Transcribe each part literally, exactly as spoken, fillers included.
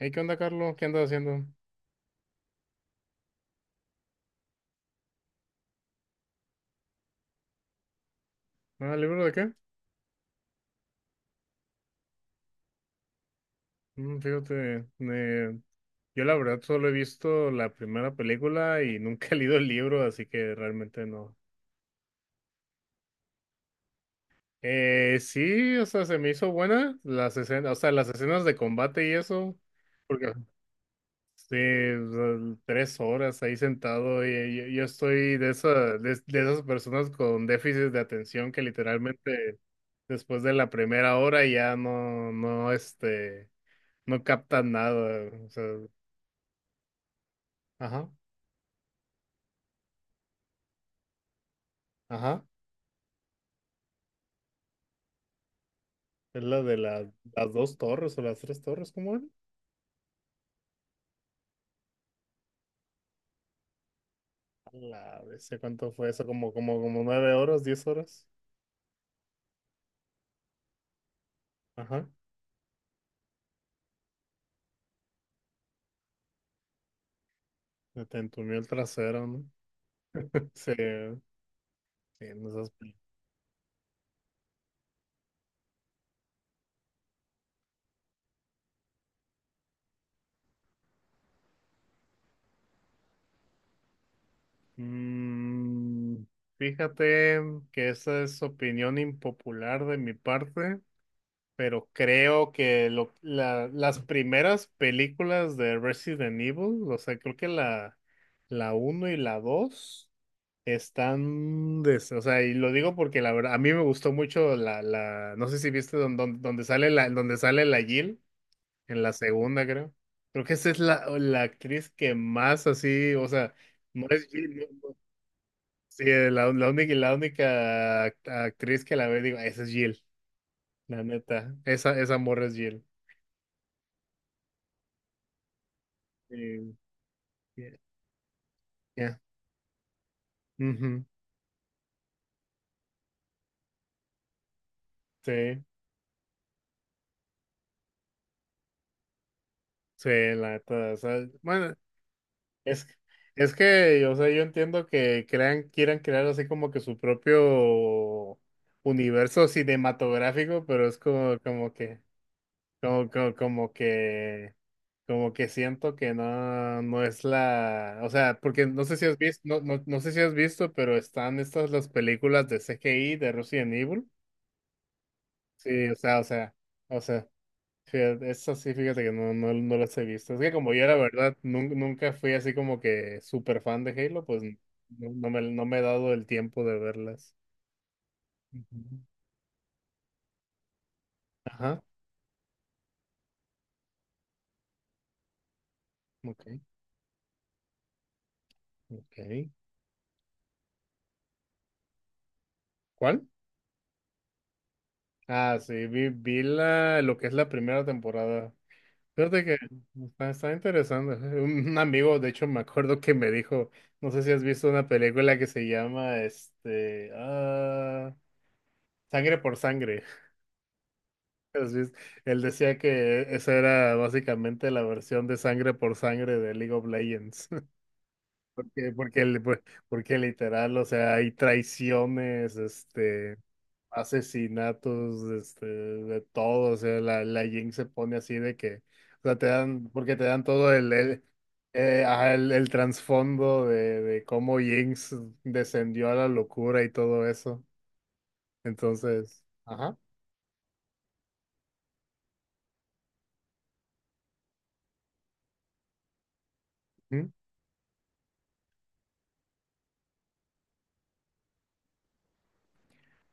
Hey, ¿qué onda, Carlos? ¿Qué andas haciendo? Ah, ¿libro de qué? Mm, fíjate, eh, yo la verdad solo he visto la primera película y nunca he leído el libro, así que realmente no. Eh, sí, o sea, se me hizo buena las escenas, o sea, las escenas de combate y eso, porque sí, o sea, tres horas ahí sentado y yo, yo estoy de esa, de, de esas personas con déficit de atención que literalmente después de la primera hora ya no, no, este no captan nada. O sea, ajá, ajá. Es la de la- las dos torres o las tres torres, ¿cómo era? A la vez, ¿cuánto fue eso? Como, como, como nueve horas, diez horas. Ajá. Se te entumió el trasero, ¿no? Sí, sí, en esas pel- Mm, fíjate que esa es opinión impopular de mi parte, pero creo que lo- la- las primeras películas de Resident Evil, o sea, creo que la, la uno y la dos están, des- o sea, y lo digo porque la verdad, a mí me gustó mucho la, la, no sé si viste don- don- donde sale la, donde sale la Jill, en la segunda, creo. Creo que esa es la, la actriz que más así, o sea, no es Jill, no- no- sí, eh, la, la única, la única act- actriz que la ve, digo, esa es Jill, la neta, esa, esa morra es Jill. Sí, ya, ya, ujú, sí, sí, la neta, o sea, bueno, es, es que, o sea, yo entiendo que crean, quieran crear así como que su propio universo cinematográfico, pero es como, como que, como, como, como que, como que siento que no, no es la, o sea, porque no sé si has visto, no, no, no sé si has visto, pero están estas las películas de C G I de Resident Evil, sí, o sea, o sea, o sea. Fíjate, esa sí, fíjate que no, no, no las he visto. Es que como yo la verdad nun- nunca fui así como que súper fan de Halo, pues no, no me, no me he dado el tiempo de verlas. Ujú. Ajá, ok, ok. ¿Cuál? Ah, sí, vi, vi la, lo que es la primera temporada. Fíjate que está, está interesante. Un, un amigo, de hecho, me acuerdo que me dijo, no sé si has visto una película que se llama, este, ah, Sangre por Sangre. Así es. Él decía que esa era básicamente la versión de sangre por sangre de League of Legends. Porque, porque, li- pues, porque literal, o sea, hay traiciones, este, asesinatos, este, de todo. O sea, la, la Jinx se pone así de que, o sea, te dan, porque te dan todo el, el, eh, ajá, el, el trasfondo de, de cómo Jinx descendió a la locura y todo eso. Entonces, ajá.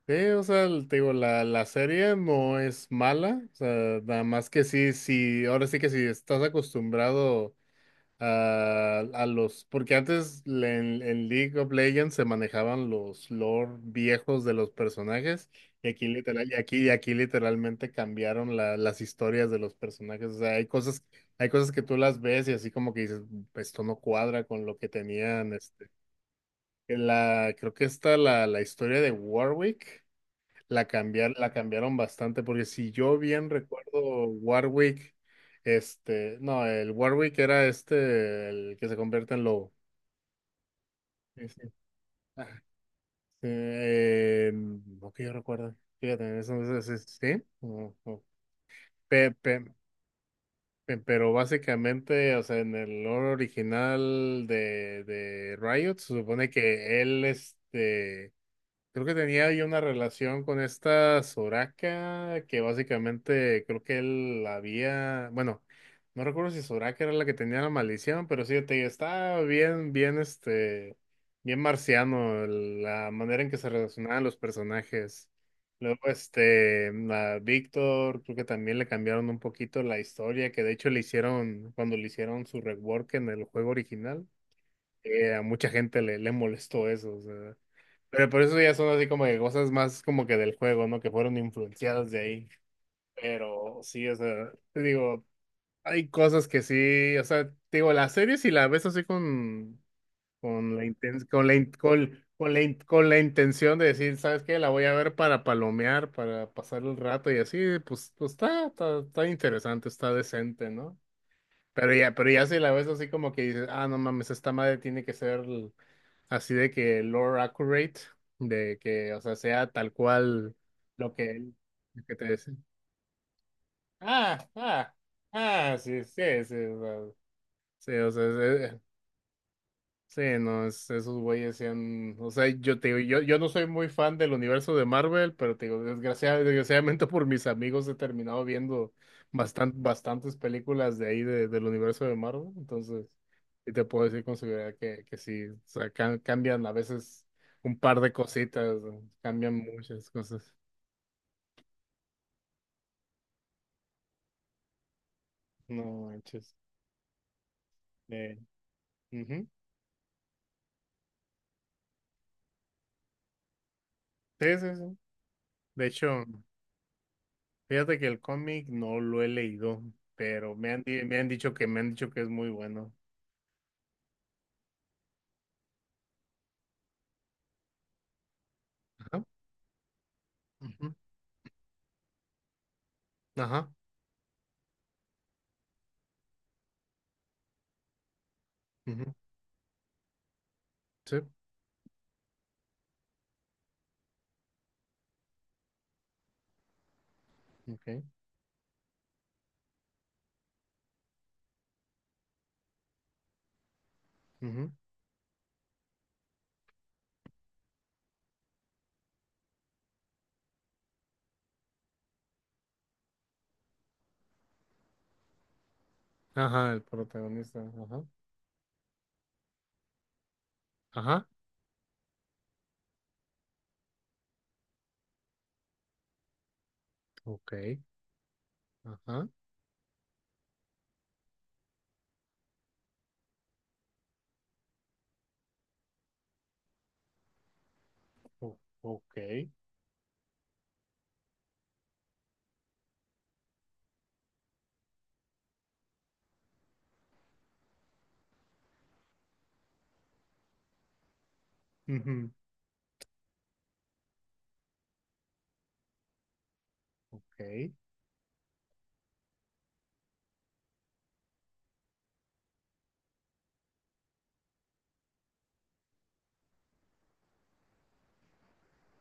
Sí, o sea, el- te digo, la, la serie no es mala, o sea, nada más que sí, sí, ahora sí que si estás acostumbrado a, a los, porque antes le- en, en League of Legends se manejaban los lore viejos de los personajes, y aquí literal, y aquí, y aquí literalmente cambiaron la- las historias de los personajes, o sea, hay cosas, hay cosas que tú las ves y así como que dices, esto no cuadra con lo que tenían, este, la, creo que está la, la historia de Warwick. La cambiar, la cambiaron bastante, porque si yo bien recuerdo Warwick, este, no, el Warwick era este, el que se convierte en lobo. Sí, sí. Ah, eh, no que yo recuerdo. Fíjate, eso es, es- sí. Ujú. Pe- pe- pe- pero básicamente, o sea, en el lore original de, de Riot, se supone que él, este. Creo que tenía ahí una relación con esta Soraka, que básicamente creo que él había, bueno, no recuerdo si Soraka era la que tenía la maldición, pero sí, te digo, estaba bien, bien, este, bien marciano el- la manera en que se relacionaban los personajes. Luego, este, la Víctor, creo que también le cambiaron un poquito la historia, que de hecho le hicieron, cuando le hicieron su rework en el juego original, eh, a mucha gente le, le molestó eso, o sea. Pero por eso ya son así como de cosas más como que del juego, ¿no? Que fueron influenciadas de ahí. Pero sí, o sea, te digo, hay cosas que sí, o sea, te digo, las series si la ves así con, con la inten- con la, in- con, con la in- con la intención de decir, ¿sabes qué? La voy a ver para palomear, para pasar el rato y así, pues, pues está, está, está interesante, está decente, ¿no? Pero ya, pero ya si la ves así como que dices, ah, no mames, esta madre tiene que ser l- así de que lore accurate, de que, o sea, sea tal cual lo que él, lo que te dice. Ah, ah, ah, sí, sí, sí, o sea, sí, o sea, sí, sí, no, es- esos güeyes se han, o sea, yo te digo, yo, yo no soy muy fan del universo de Marvel, pero te digo, desgracia- desgraciadamente por mis amigos he terminado viendo bastan- bastantes películas de ahí de- del universo de Marvel, entonces, y te puedo decir con seguridad que, que sí, o sea, ca- cambian a veces un par de cositas, ¿no? Cambian muchas cosas. No manches. Eh, ujú. Sí, sí, sí. De hecho. Fíjate que el cómic no lo he leído, pero me han, di- me han dicho que me han dicho que es muy bueno. Ajá, ujú, ajá, ujú, sí, okay, ujú, ajá, el protagonista, ajá, ajá, okay, ajá, o- okay, ujú, ok,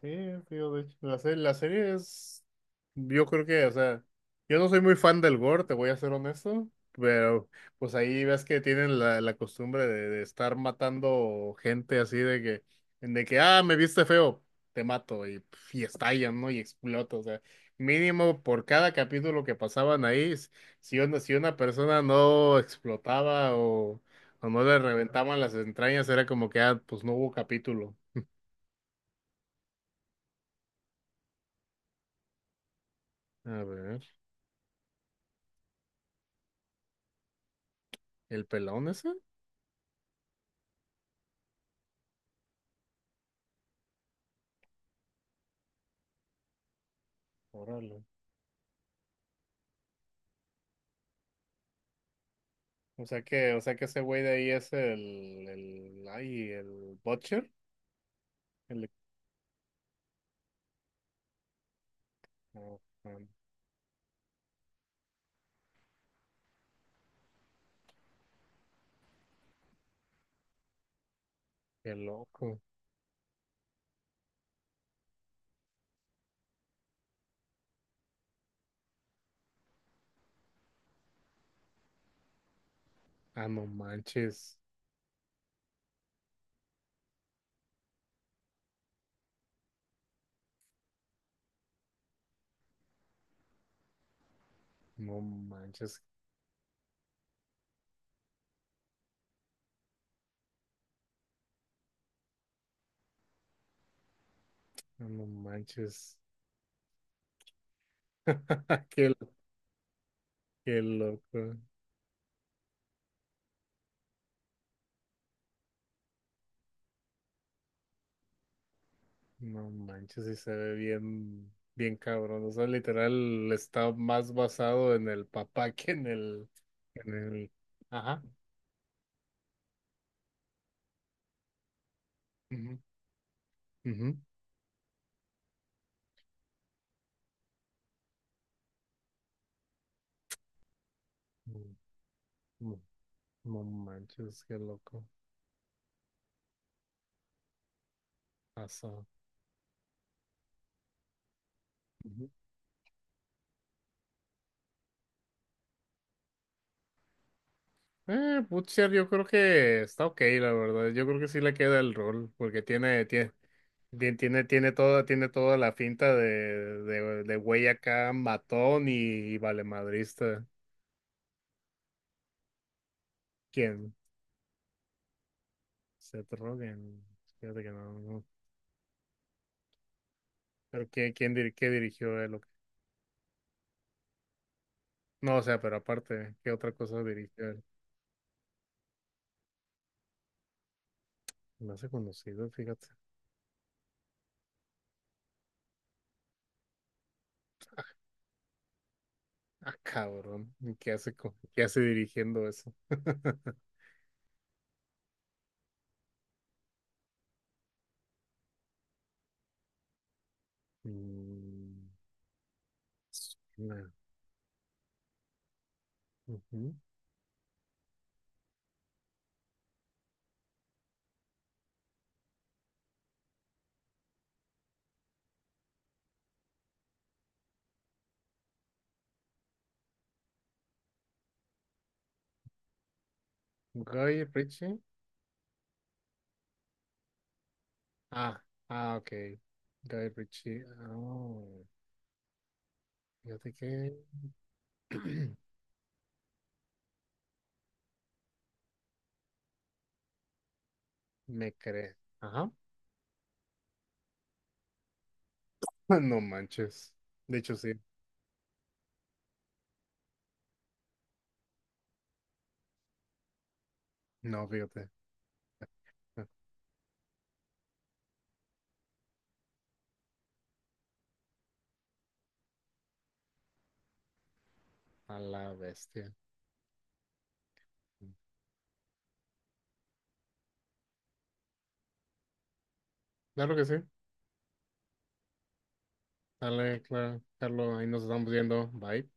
sí, tío, de hecho, la serie, la serie es, yo creo que, o sea, yo no soy muy fan del gore, te voy a ser honesto, pero pues ahí ves que tienen la, la costumbre de, de estar matando gente así de que, de que, ah, me viste feo, te mato, y, pf, y estallan, ¿no? Y explota, o sea, mínimo por cada capítulo que pasaban ahí, s- si una, si una persona no explotaba o, o no le reventaban las entrañas, era como que, ah, pues no hubo capítulo. A ver. ¿El pelón ese? Órale. O sea que, o sea que ese güey de ahí es el, el, ay, el Butcher. El, oh, man, qué loco. Ah, no manches. No manches. Ah, no manches. Qué, qué loco. No manches, y se ve bien, bien cabrón. O sea, literal está más basado en el papá que en el, en el, ajá. Ujú, ujú. No, no manches, qué loco. Pasó. Ujú. Eh, Butcher yo creo que está ok, la verdad. Yo creo que sí le queda el rol, porque tiene, tiene, bien, tiene, tiene toda, tiene toda la finta de, de, de güey acá, matón y, y valemadrista. ¿Quién? Seth Rogen. Fíjate que no, no. Pero ¿quién, ¿quién dir- qué dirigió él? ¿O qué? No, o sea, pero aparte, ¿qué otra cosa dirigió él? Me hace conocido, fíjate. Ah, cabrón. ¿Y qué hace, co- qué hace dirigiendo eso? Mm, nah. Ujú. Guy Ritchie. Ah, ah, ok. Guy Ritchie. Oh, fíjate que me crees. Ajá. No manches. De hecho, sí. No, fíjate. A la bestia. Claro que sí. Dale, claro. Carlos, ahí nos estamos viendo. Bye.